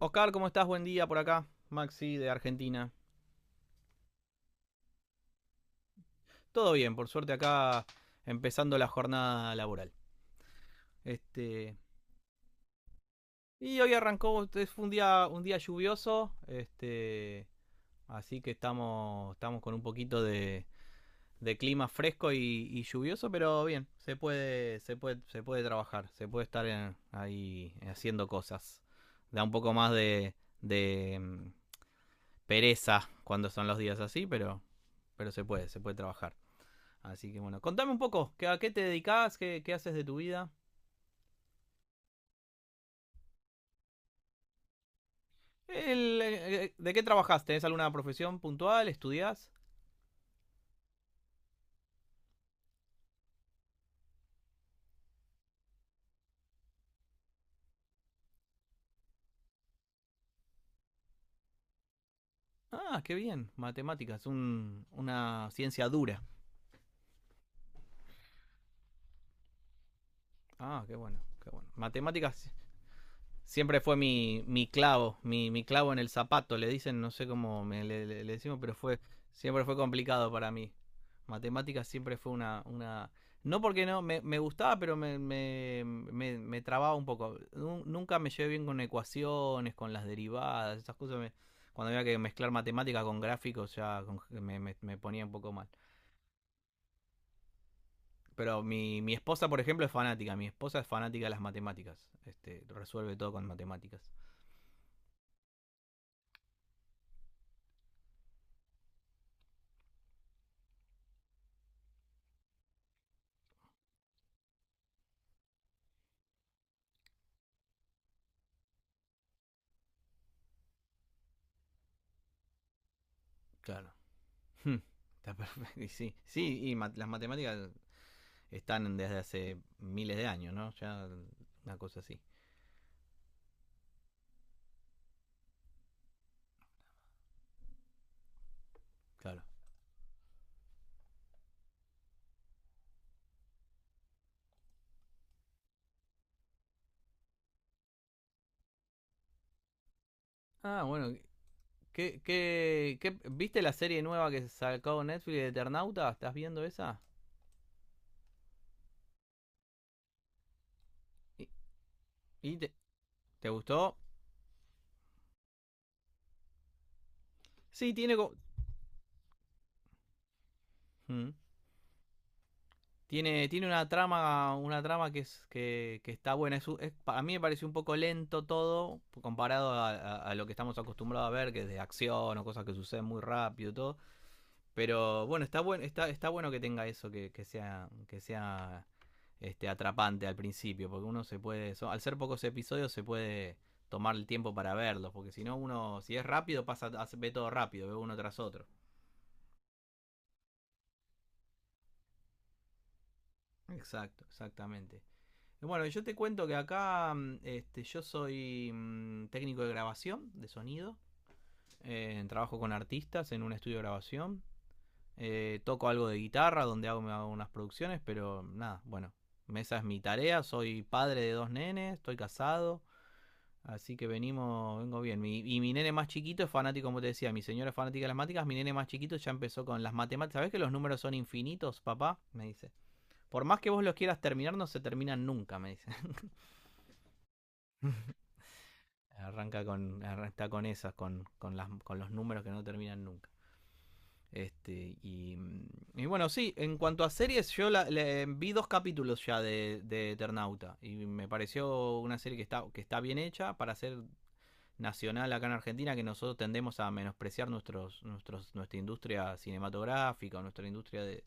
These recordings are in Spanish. Oscar, ¿cómo estás? Buen día por acá. Maxi de Argentina. Todo bien, por suerte acá empezando la jornada laboral. Este, hoy arrancó, fue un día lluvioso, así que estamos, estamos con un poquito de clima fresco y lluvioso, pero bien, se puede, se puede, se puede trabajar, se puede estar ahí haciendo cosas. Da un poco más de, de mm, pereza cuando son los días así, pero se puede trabajar. Así que bueno, contame un poco, ¿a qué te dedicas? ¿Qué haces de tu vida? ¿De qué trabajas? ¿Tenés alguna profesión puntual? ¿Estudiás? Ah, qué bien. Matemáticas, una ciencia dura. Ah, qué bueno, qué bueno. Matemáticas siempre fue mi clavo, mi clavo en el zapato, le dicen, no sé cómo decimos, pero fue siempre fue complicado para mí. Matemáticas siempre fue una. No porque no, me gustaba, pero me me trababa un poco. Nunca me llevé bien con ecuaciones, con las derivadas, esas cosas. Cuando había que mezclar matemáticas con gráficos ya me me ponía un poco mal. Pero mi esposa, por ejemplo, es fanática. Mi esposa es fanática de las matemáticas. Resuelve todo con matemáticas. Claro. Hmm, está perfecto. Y sí, sí, las matemáticas están desde hace miles de años, ¿no? Ya una cosa así, claro. Ah, bueno, ¿viste la serie nueva que sacó Netflix de Eternauta? ¿Estás viendo esa? ¿Y, y te, te gustó? Sí, hmm, tiene tiene una trama que es que está buena. Es, a mí me pareció un poco lento todo comparado a, a lo que estamos acostumbrados a ver, que es de acción o cosas que suceden muy rápido y todo. Pero bueno, está, está bueno que tenga eso, que sea atrapante al principio, porque uno se puede, al ser pocos episodios se puede tomar el tiempo para verlos, porque si no uno, si es rápido, pasa, ve todo rápido, ve uno tras otro. Exacto, exactamente. Y bueno, yo te cuento que acá yo soy técnico de grabación, de sonido. Trabajo con artistas en un estudio de grabación. Toco algo de guitarra, donde hago, me hago unas producciones, pero nada, bueno, esa es mi tarea. Soy padre de dos nenes, estoy casado, así que venimos, vengo bien. Y mi nene más chiquito es fanático, como te decía, mi señora es fanática de las matemáticas, mi nene más chiquito ya empezó con las matemáticas. ¿Sabes que los números son infinitos, papá? Me dice. Por más que vos los quieras terminar, no se terminan nunca, me dice. Arranca con, está con esas, con los números que no terminan nunca. Este, y, mm, y bueno, sí, en cuanto a series, yo vi dos capítulos ya de Eternauta y me pareció una serie que está bien hecha para ser nacional acá en Argentina, que nosotros tendemos a menospreciar nuestra industria cinematográfica o nuestra industria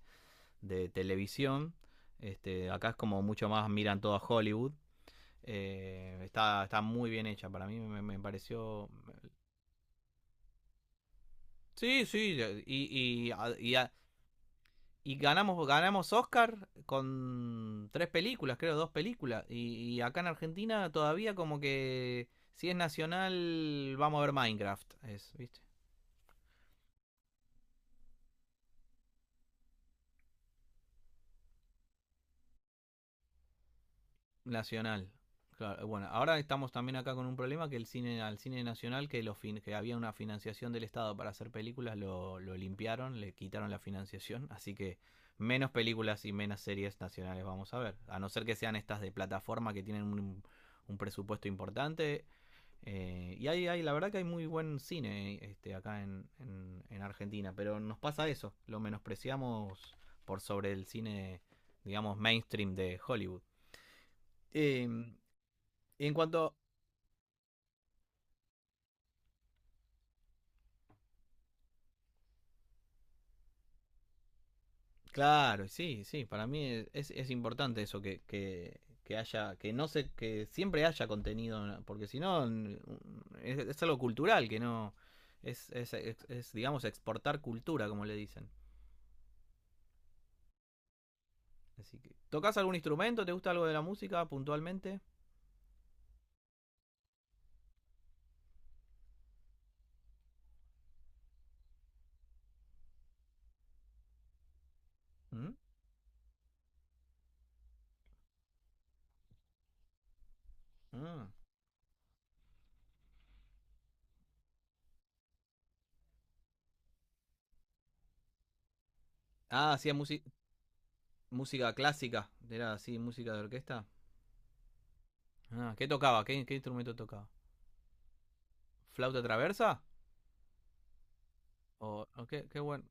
de televisión. Acá es como mucho más miran todo a Hollywood. Está, está muy bien hecha para mí, me pareció... Sí, sí, y, y, y y ganamos, ganamos Oscar con tres películas, creo, dos películas. Y acá en Argentina todavía como que si es nacional, vamos a ver Minecraft. Es, ¿viste? Nacional. Claro, bueno, ahora estamos también acá con un problema que el cine, al cine nacional, que, que había una financiación del Estado para hacer películas, lo limpiaron, le quitaron la financiación, así que menos películas y menos series nacionales vamos a ver. A no ser que sean estas de plataforma que tienen un presupuesto importante. Y hay, hay, la verdad que hay muy buen cine acá en Argentina, pero nos pasa eso, lo menospreciamos por sobre el cine, digamos, mainstream de Hollywood. Eh, en cuanto, claro, sí, sí, para mí es importante eso que, haya, que no se, que siempre haya contenido, porque si no, es, algo cultural, que no, es, digamos, exportar cultura, como le dicen. Así que, ¿tocas algún instrumento? ¿Te gusta algo de la música puntualmente? ¿Mm? Ah. Ah, música clásica. Era así, música de orquesta. Ah, ¿qué tocaba? ¿Qué instrumento tocaba? ¿Flauta traversa? O qué, qué bueno.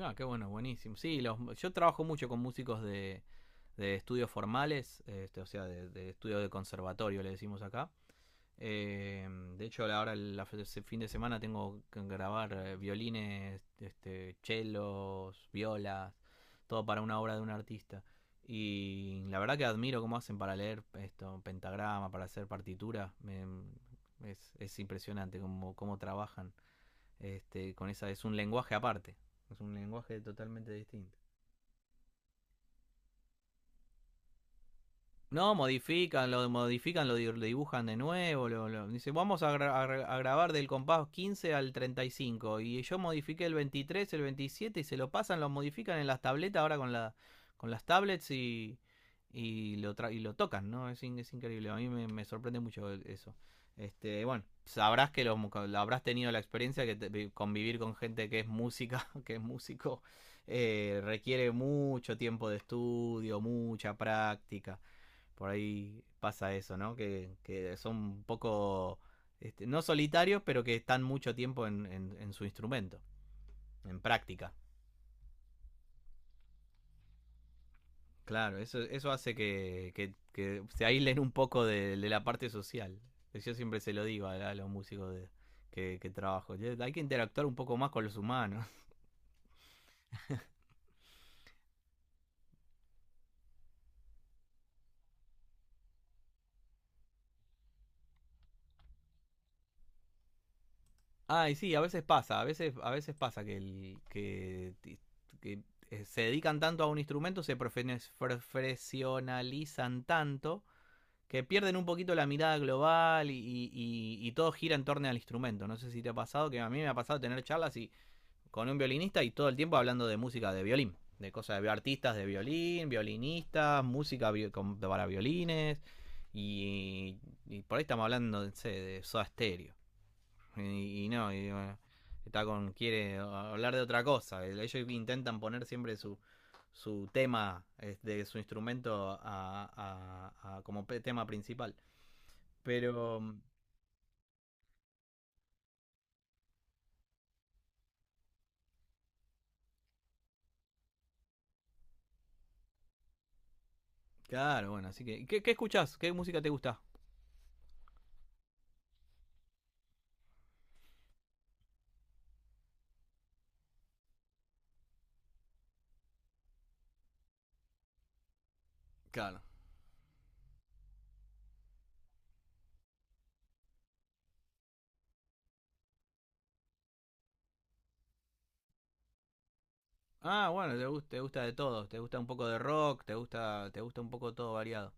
Ah, qué bueno, buenísimo. Sí, los, yo trabajo mucho con músicos de estudios formales, o sea, de estudios de conservatorio, le decimos acá. Eh, de hecho, ahora fin de semana tengo que grabar violines, chelos, violas, todo para una obra de un artista. Y la verdad que admiro cómo hacen para leer esto, pentagrama, para hacer partitura. Es impresionante cómo, cómo trabajan con esa. Es un lenguaje aparte, es un lenguaje totalmente distinto. No, modifican, lo dibujan de nuevo. Dice, vamos a, grabar del compás 15 al 35 y yo modifiqué el 23 el 27 y se lo pasan, lo modifican en las tabletas ahora con, la, con las tablets y, y lo tocan, ¿no? Es, es increíble. A mí me, me sorprende mucho eso. Bueno, sabrás que lo, habrás tenido la experiencia que convivir con gente que es música, que es músico, requiere mucho tiempo de estudio, mucha práctica por ahí pasa eso, ¿no? Que son un poco, no solitarios, pero que están mucho tiempo en su instrumento, en práctica. Claro, eso hace que se aíslen un poco de, la parte social. Yo siempre se lo digo a los músicos de, que, trabajo. Hay que interactuar un poco más con los humanos. Ah, y sí, a veces pasa que, el, que se dedican tanto a un instrumento, se profesionalizan tanto que pierden un poquito la mirada global y, todo gira en torno al instrumento. No sé si te ha pasado, que a mí me ha pasado tener charlas y, con un violinista y todo el tiempo hablando de música de violín, de cosas de artistas de violín, violinistas, para violines. Y, y por ahí estamos hablando no sé, de Soda Stereo. Y no, y bueno, está con quiere hablar de otra cosa. Ellos intentan poner siempre su, su tema de su instrumento como tema principal. Pero, claro, bueno, así que. ¿Qué escuchás? ¿Qué música te gusta? Claro. Ah, bueno, te gusta de todo. Te gusta un poco de rock, te gusta un poco todo variado.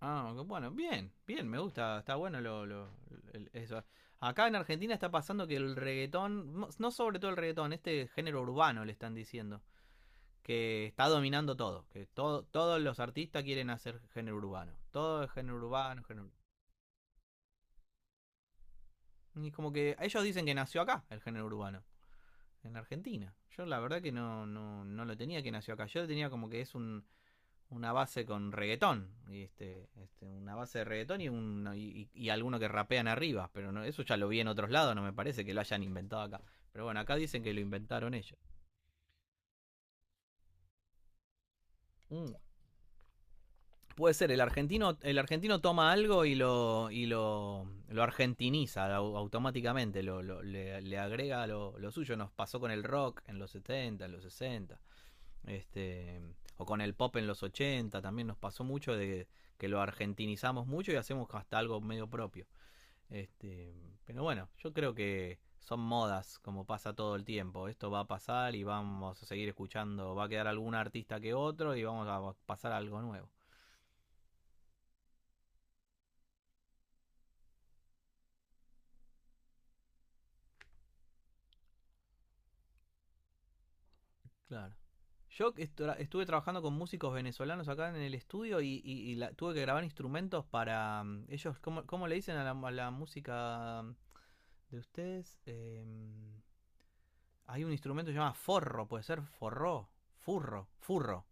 Ah, ok, bueno, bien, bien, me gusta, está bueno eso. Acá en Argentina está pasando que el reggaetón, no sobre todo el reggaetón, este género urbano le están diciendo, que está dominando todo, que todo, todos los artistas quieren hacer género urbano. Todo es género urbano, género urbano. Y como que ellos dicen que nació acá el género urbano en Argentina. Yo la verdad que no, no, no lo tenía que nació acá. Yo lo tenía como que es un, una base con reggaetón. Una base de reggaetón y, un, no, y alguno que rapean arriba. Pero no, eso ya lo vi en otros lados, no me parece que lo hayan inventado acá. Pero bueno, acá dicen que lo inventaron ellos. Mm. Puede ser, el argentino toma algo y lo, lo argentiniza automáticamente, le agrega lo suyo. Nos pasó con el rock en los 70, en los 60. Este, o con el pop en los 80 también nos pasó mucho de que lo argentinizamos mucho y hacemos hasta algo medio propio. Este, pero bueno, yo creo que son modas, como pasa todo el tiempo. Esto va a pasar y vamos a seguir escuchando. Va a quedar algún artista que otro y vamos a pasar a algo nuevo. Claro. Yo estuve trabajando con músicos venezolanos acá en el estudio y la, tuve que grabar instrumentos para ellos. ¿Cómo le dicen a la música de ustedes? Hay un instrumento que se llama forro, puede ser forro, furro, furro,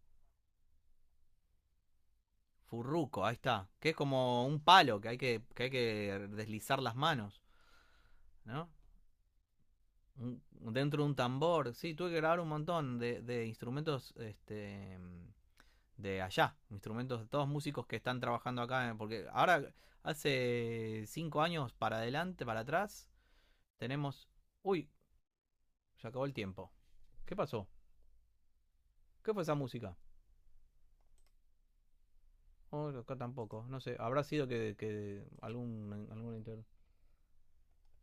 furruco, ahí está. Que es como un palo que, hay que deslizar las manos, ¿no? Un- dentro de un tambor. Sí, tuve que grabar un montón de instrumentos de allá. Instrumentos de todos músicos que están trabajando acá. Porque ahora, hace 5 años para adelante, para atrás, tenemos... Uy, se acabó el tiempo. ¿Qué pasó? ¿Qué fue esa música? Oh, no, acá tampoco, no sé, habrá sido que algún, algún inter...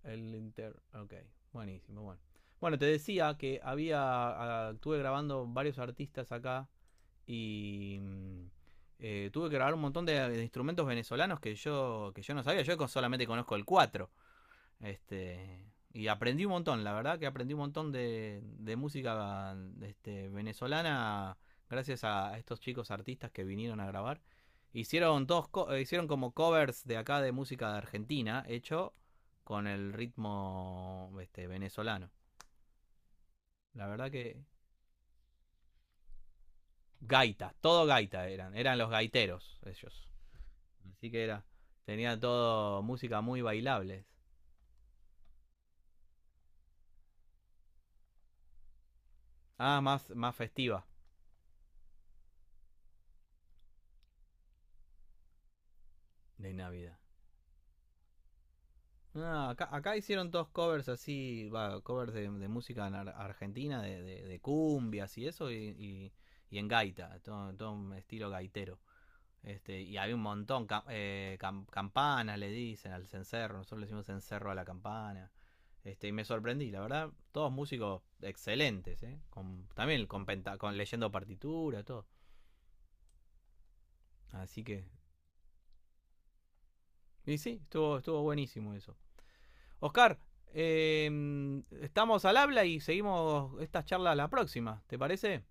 El inter... Ok, buenísimo, bueno. Bueno, te decía que había, ah, estuve grabando varios artistas acá y tuve que grabar un montón de instrumentos venezolanos que yo no sabía, yo solamente conozco el 4 este, y aprendí un montón, la verdad que aprendí un montón de música venezolana gracias a estos chicos artistas que vinieron a grabar. Hicieron, hicieron como covers de acá de música de Argentina, hecho con el ritmo venezolano. La verdad que gaita, todo gaita eran, eran los gaiteros ellos. Así que era, tenía todo música muy bailable. Ah, más, más festiva de Navidad. No, no, acá, acá hicieron dos covers así, va, covers de, música ar- argentina, de cumbias y eso, y en gaita, todo, todo un estilo gaitero. Y había un montón, campanas le dicen al cencerro, nosotros le decimos cencerro a la campana. Y me sorprendí, la verdad, todos músicos excelentes, ¿eh? Con, también con, con leyendo partitura, todo. Así que, y sí, estuvo, estuvo buenísimo eso. Oscar, estamos al habla y seguimos esta charla la próxima, ¿te parece?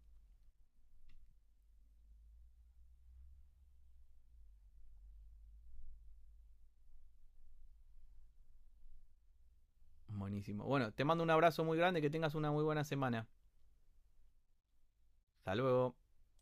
Buenísimo. Bueno, te mando un abrazo muy grande, que tengas una muy buena semana. Hasta luego.